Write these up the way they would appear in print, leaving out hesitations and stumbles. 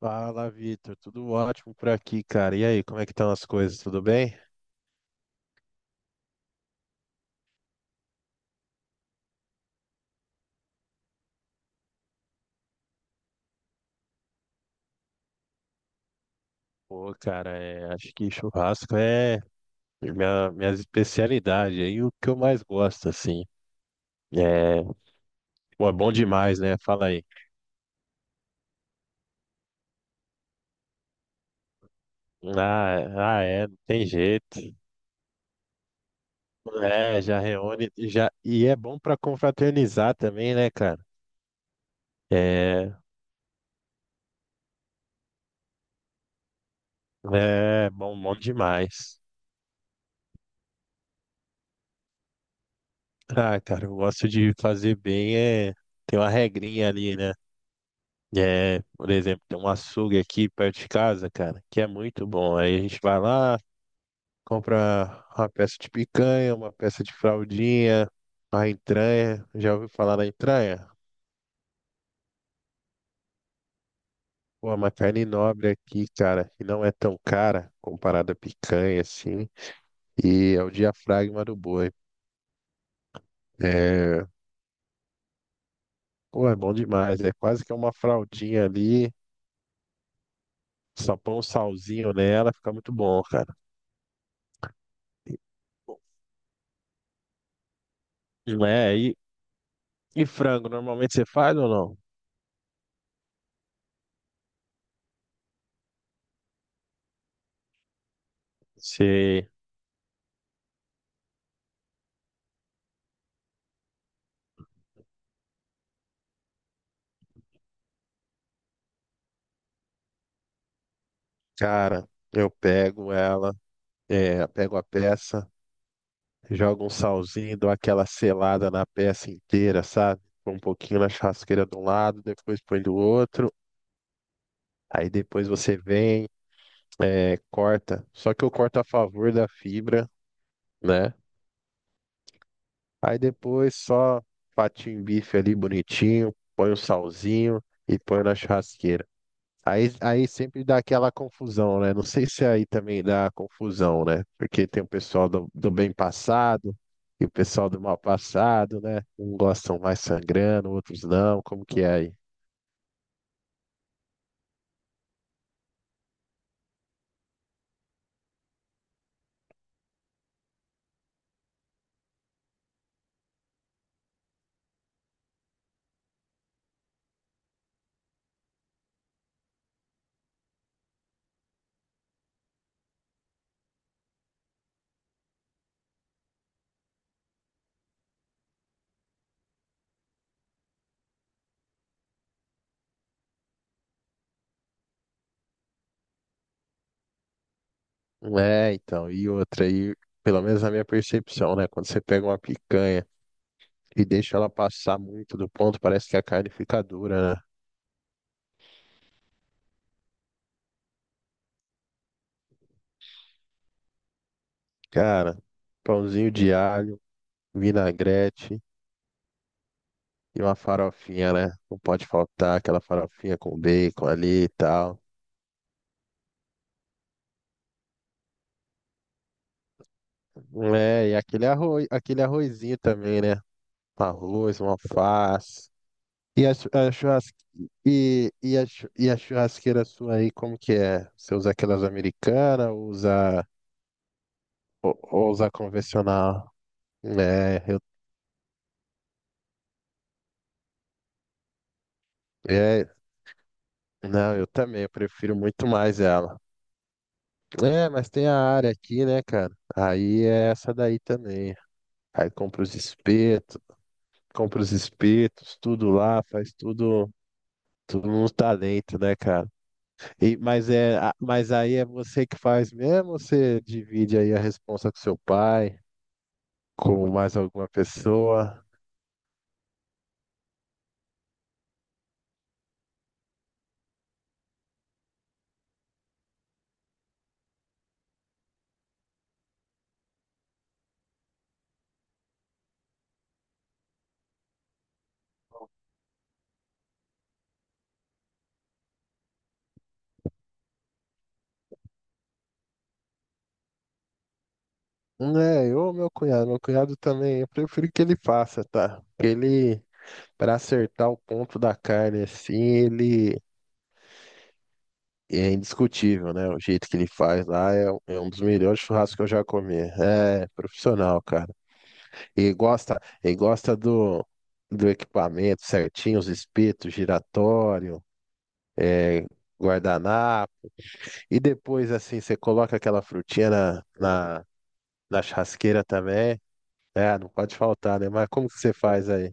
Fala, Vitor. Tudo ótimo por aqui, cara. E aí, como é que estão as coisas? Tudo bem? Pô, cara, acho que churrasco é minha especialidade aí, o que eu mais gosto, assim. É, pô, é bom demais, né? Fala aí. Ah, é, não tem jeito. É, já reúne, já, e é bom pra confraternizar também, né, cara? É, é bom, bom demais. Ah, cara, eu gosto de fazer bem, tem uma regrinha ali, né? É, por exemplo, tem um açougue aqui perto de casa, cara, que é muito bom. Aí a gente vai lá, compra uma peça de picanha, uma peça de fraldinha, a entranha. Já ouviu falar da entranha? Pô, é uma carne nobre aqui, cara, que não é tão cara comparada à picanha, assim. E é o diafragma do boi. É, pô, é bom demais. É quase que uma fraldinha ali, só põe um salzinho nela, fica muito bom, cara. E, não é? E frango, normalmente você faz ou não? Se, cara, eu pego ela, pego a peça, jogo um salzinho, dou aquela selada na peça inteira, sabe? Põe um pouquinho na churrasqueira de um lado, depois põe do outro. Aí depois você vem, corta. Só que eu corto a favor da fibra, né? Aí depois só fatinho bife ali bonitinho, põe o salzinho e põe na churrasqueira. Aí sempre dá aquela confusão, né? Não sei se aí também dá confusão, né? Porque tem o pessoal do bem passado e o pessoal do mal passado, né? Um gostam mais sangrando, outros não. Como que é aí? É, então, e outra aí, pelo menos na minha percepção, né? Quando você pega uma picanha e deixa ela passar muito do ponto, parece que a carne fica dura, né? Cara, pãozinho de alho, vinagrete e uma farofinha, né? Não pode faltar aquela farofinha com bacon ali e tal. É, e aquele arroz, aquele arrozinho também, né? Um arroz, uma alface. E a, chu- a churrasque... e, a, chu- E a churrasqueira sua aí, como que é? Você usa aquelas americanas, ou usa ou usa convencional? É, eu é, não, eu também, eu prefiro muito mais ela. É, mas tem a área aqui, né, cara? Aí é essa daí também. Aí compra os espetos, tudo lá, faz tudo, tudo no talento, né, cara? Mas aí é você que faz mesmo ou você divide aí a responsa com seu pai, com mais alguma pessoa? É, eu ou meu cunhado. Meu cunhado também, eu prefiro que ele faça, tá? Porque ele, para acertar o ponto da carne assim, ele é indiscutível, né? O jeito que ele faz lá é um dos melhores churrascos que eu já comi. É profissional, cara. E gosta do, do equipamento certinho, os espetos, giratório. é, Guardanapo. E depois, assim, você coloca aquela frutinha na churrasqueira também. É, não pode faltar, né? Mas como que você faz aí?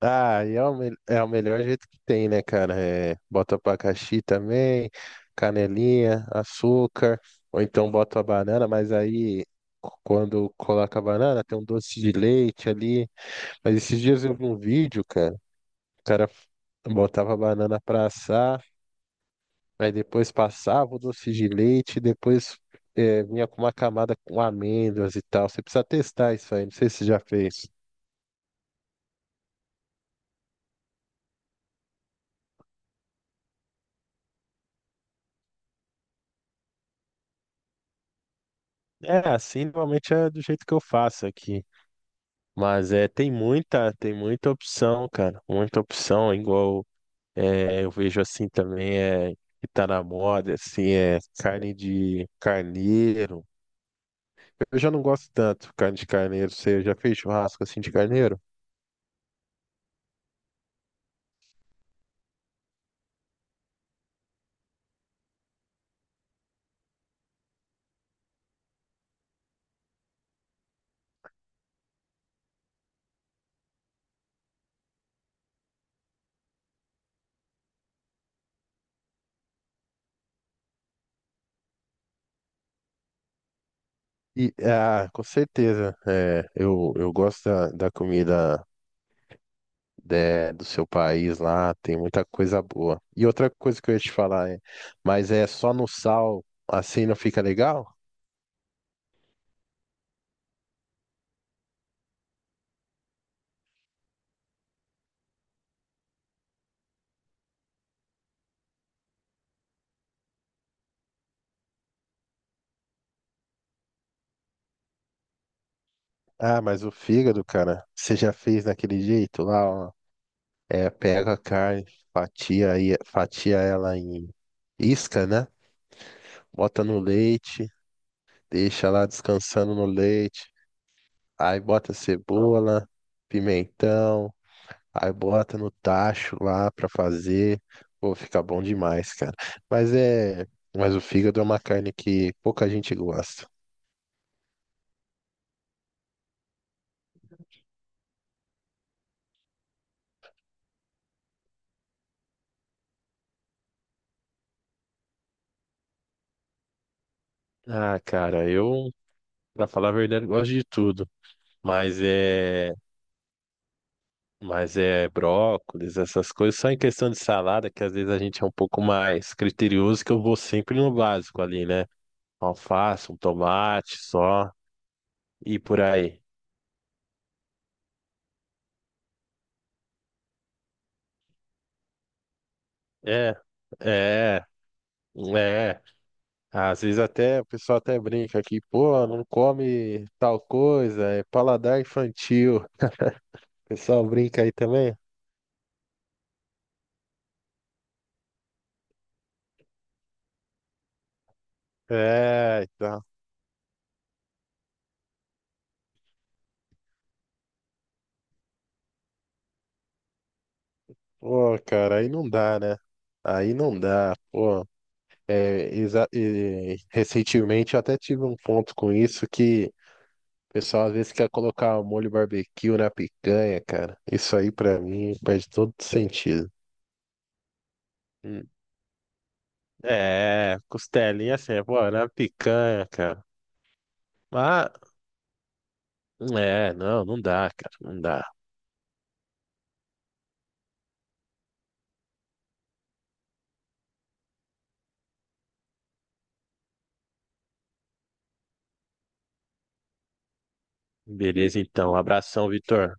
É o melhor jeito que tem, né, cara? É, bota abacaxi também, canelinha, açúcar, ou então bota a banana, mas quando coloca a banana tem um doce de leite ali. Mas esses dias eu vi um vídeo, cara, o cara f- botava a banana pra assar. Aí depois passava o doce de leite, depois vinha com uma camada com amêndoas e tal. Você precisa testar isso aí, não sei se você já fez. É, assim normalmente é do jeito que eu faço aqui. Mas é, tem muita opção, cara. Muita opção, igual eu vejo assim também, é, que tá na moda, assim, é carne de carneiro. Eu já não gosto tanto carne de carneiro. Você já fez churrasco assim de carneiro? E, ah, com certeza. É, eu gosto da comida do seu país lá, tem muita coisa boa. E outra coisa que eu ia te falar é, mas é só no sal, assim não fica legal? Ah, mas o fígado, cara, você já fez daquele jeito lá, ó. É, pega a carne, fatia, aí, fatia ela em isca, né? Bota no leite, deixa lá descansando no leite, aí bota cebola, pimentão. Aí bota no tacho lá pra fazer. Pô, fica bom demais, cara. Mas é. Mas o fígado é uma carne que pouca gente gosta. Ah, cara, pra falar a verdade, gosto de tudo. Mas é. Mas é brócolis, essas coisas. Só em questão de salada, que às vezes a gente é um pouco mais criterioso, que eu vou sempre no básico ali, né? Alface, um tomate só. E por aí. É, é, é. Ah, às vezes até o pessoal até brinca aqui, pô, não come tal coisa, é paladar infantil. O pessoal brinca aí também? É, tá. Pô, cara, aí não dá, né? Aí não dá, pô. Recentemente eu até tive um ponto com isso que o pessoal às vezes quer colocar molho barbecue na picanha, cara. Isso aí pra mim perde todo sentido. Hum. É, costelinha assim, pô, na picanha, cara. mas É, não, não dá, cara, não dá. Beleza, então. Abração, Vitor.